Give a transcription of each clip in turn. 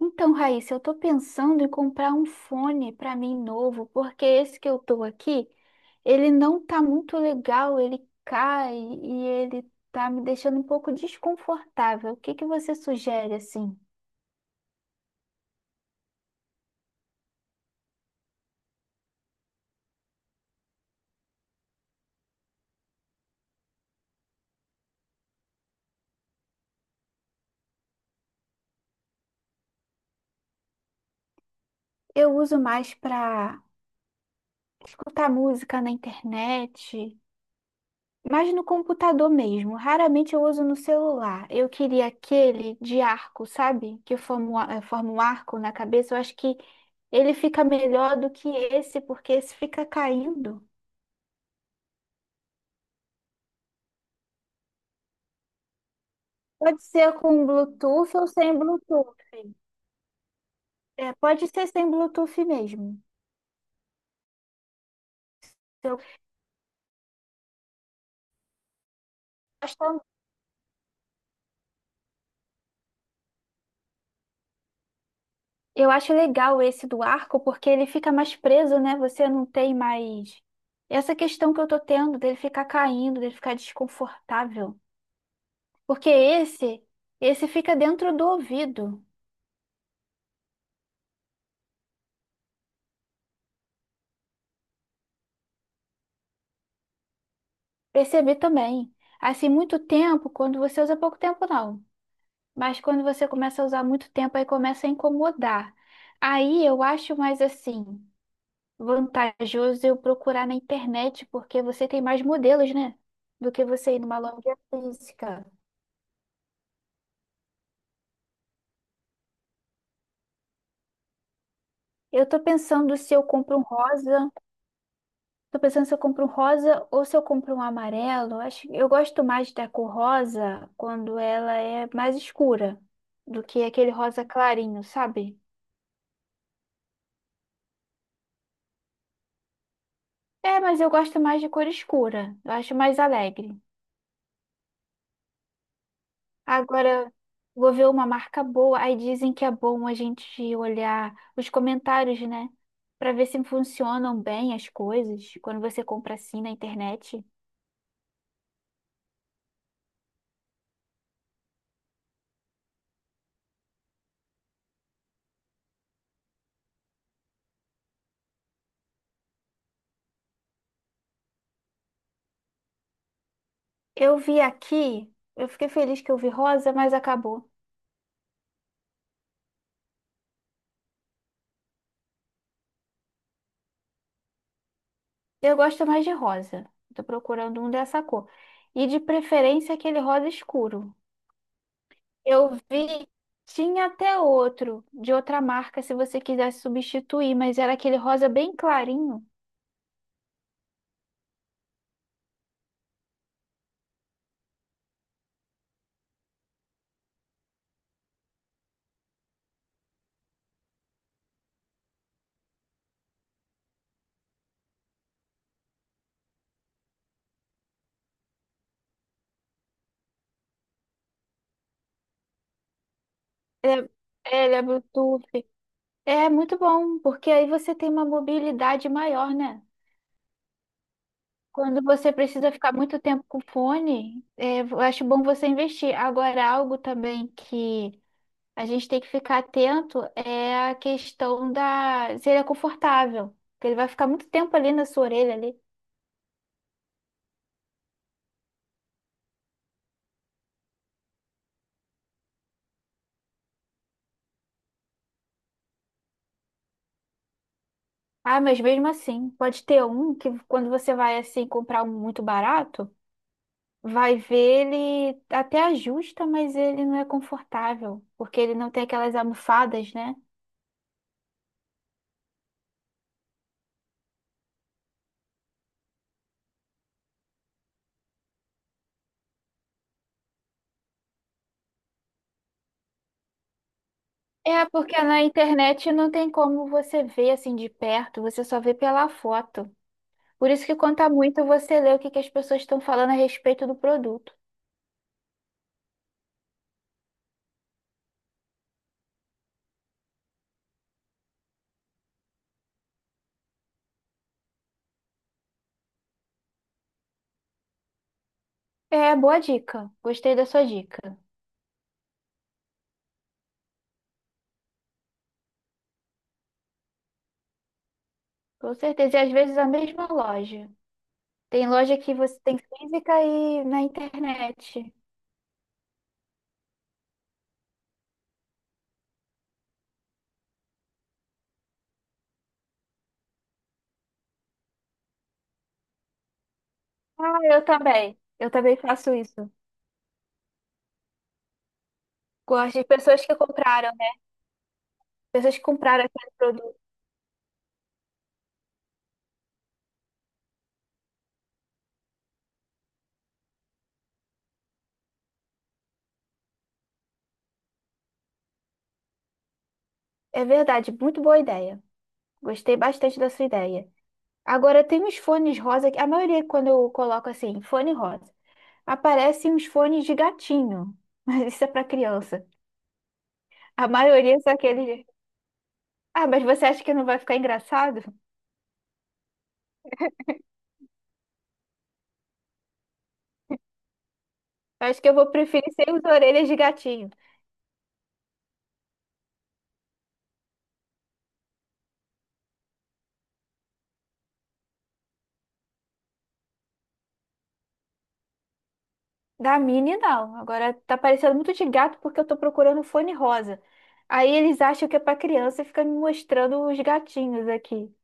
Então, Raíssa, eu tô pensando em comprar um fone para mim novo, porque esse que eu tô aqui, ele não tá muito legal, ele cai e ele tá me deixando um pouco desconfortável. O que que você sugere assim? Eu uso mais para escutar música na internet, mas no computador mesmo, raramente eu uso no celular. Eu queria aquele de arco, sabe? Que forma um forma um arco na cabeça. Eu acho que ele fica melhor do que esse, porque esse fica caindo. Pode ser com Bluetooth ou sem Bluetooth. É, pode ser sem Bluetooth mesmo. Eu acho, eu acho legal esse do arco, porque ele fica mais preso, né? Você não tem mais. Essa questão que eu tô tendo dele ficar caindo, dele ficar desconfortável. Porque esse, esse fica dentro do ouvido. Percebi também. Assim, muito tempo, quando você usa pouco tempo, não. Mas quando você começa a usar muito tempo, aí começa a incomodar. Aí eu acho mais assim, vantajoso eu procurar na internet, porque você tem mais modelos, né? Do que você ir numa loja física. Eu tô pensando se eu compro um rosa. Tô pensando se eu compro um rosa ou se eu compro um amarelo. Acho, eu gosto mais da cor rosa quando ela é mais escura do que aquele rosa clarinho, sabe? É, mas eu gosto mais de cor escura. Eu acho mais alegre. Agora, vou ver uma marca boa. Aí dizem que é bom a gente olhar os comentários, né? Pra ver se funcionam bem as coisas quando você compra assim na internet. Eu vi aqui, eu fiquei feliz que eu vi rosa, mas acabou. Eu gosto mais de rosa. Tô procurando um dessa cor. E de preferência aquele rosa escuro. Eu vi, tinha até outro, de outra marca, se você quisesse substituir, mas era aquele rosa bem clarinho. Ele ele é Bluetooth. É muito bom, porque aí você tem uma mobilidade maior, né? Quando você precisa ficar muito tempo com o fone, é, eu acho bom você investir. Agora, algo também que a gente tem que ficar atento é a questão da se ele é confortável, porque ele vai ficar muito tempo ali na sua orelha ali. Ah, mas mesmo assim, pode ter um que quando você vai assim comprar um muito barato, vai ver ele até ajusta, mas ele não é confortável, porque ele não tem aquelas almofadas, né? É, porque na internet não tem como você ver assim de perto, você só vê pela foto. Por isso que conta muito você ler o que que as pessoas estão falando a respeito do produto. É, boa dica. Gostei da sua dica. Com certeza. E às vezes a mesma loja. Tem loja que você tem física e na internet. Ah, eu também. Eu também faço isso. Gosto de pessoas que compraram, né? Pessoas que compraram aquele produto. É verdade, muito boa ideia. Gostei bastante da sua ideia. Agora, tem uns fones rosa que a maioria, quando eu coloco assim, fone rosa, aparecem uns fones de gatinho. Mas isso é para criança. A maioria são aqueles. Ah, mas você acha que não vai ficar engraçado? Acho que eu vou preferir sem as orelhas de gatinho. Da Minnie, não. Agora tá parecendo muito de gato porque eu tô procurando fone rosa. Aí eles acham que é pra criança e fica me mostrando os gatinhos aqui.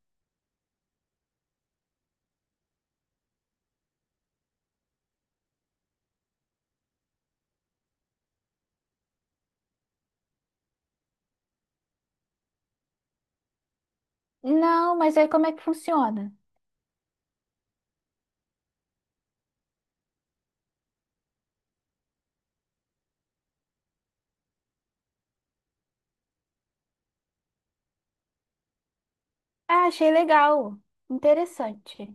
Não, mas aí como é que funciona? Ah, achei legal. Interessante.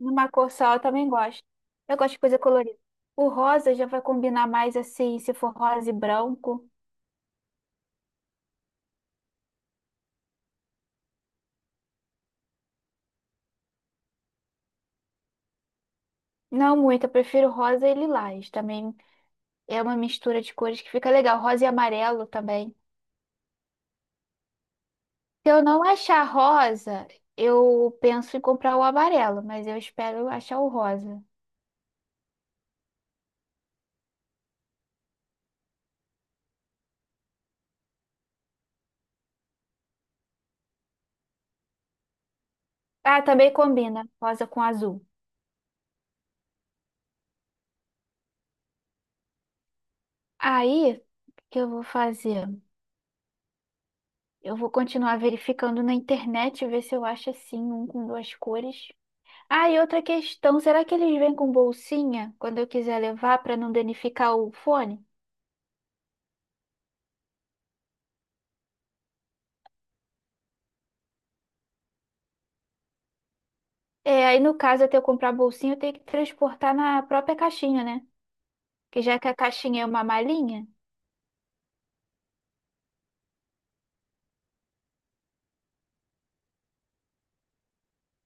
Numa cor só eu também gosto. Eu gosto de coisa colorida. O rosa já vai combinar mais assim, se for rosa e branco. Não muito, eu prefiro rosa e lilás. Também é uma mistura de cores que fica legal. Rosa e amarelo também. Se eu não achar rosa, eu penso em comprar o amarelo, mas eu espero achar o rosa. Ah, também combina rosa com azul. Aí, o que eu vou fazer? Eu vou continuar verificando na internet, ver se eu acho assim, um com duas cores. Ah, e outra questão, será que eles vêm com bolsinha quando eu quiser levar para não danificar o fone? É, aí no caso, até eu comprar bolsinha, eu tenho que transportar na própria caixinha, né? Que já que a caixinha é uma malinha.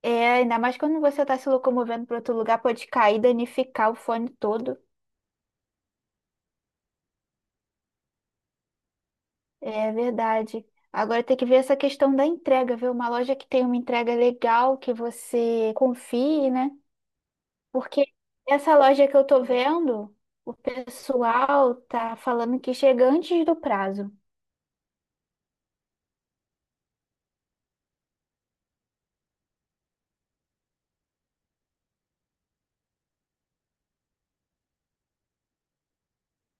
É, ainda mais quando você está se locomovendo para outro lugar, pode cair, danificar o fone todo. É verdade. Agora tem que ver essa questão da entrega, ver uma loja que tem uma entrega legal, que você confie, né? Porque essa loja que eu tô vendo, o pessoal tá falando que chega antes do prazo.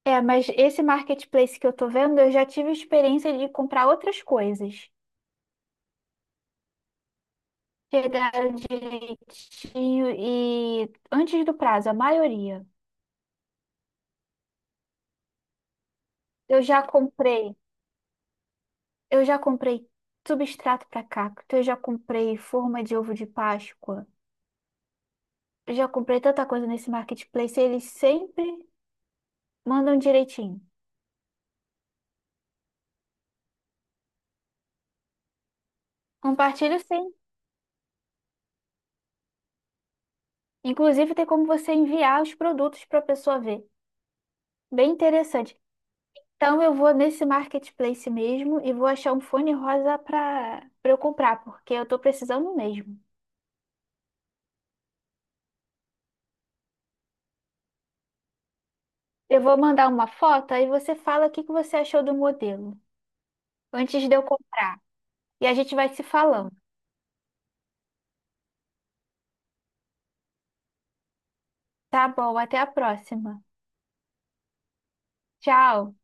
É, mas esse marketplace que eu tô vendo, eu já tive experiência de comprar outras coisas. Chegaram direitinho e antes do prazo, a maioria. Eu já comprei, eu já comprei substrato para cacto, eu já comprei forma de ovo de Páscoa, eu já comprei tanta coisa nesse marketplace, eles sempre mandam direitinho. Compartilho sim. Inclusive tem como você enviar os produtos para a pessoa ver. Bem interessante. Então eu vou nesse marketplace mesmo e vou achar um fone rosa para eu comprar, porque eu tô precisando mesmo. Eu vou mandar uma foto aí você fala o que que você achou do modelo antes de eu comprar. E a gente vai se falando. Tá bom, até a próxima. Tchau.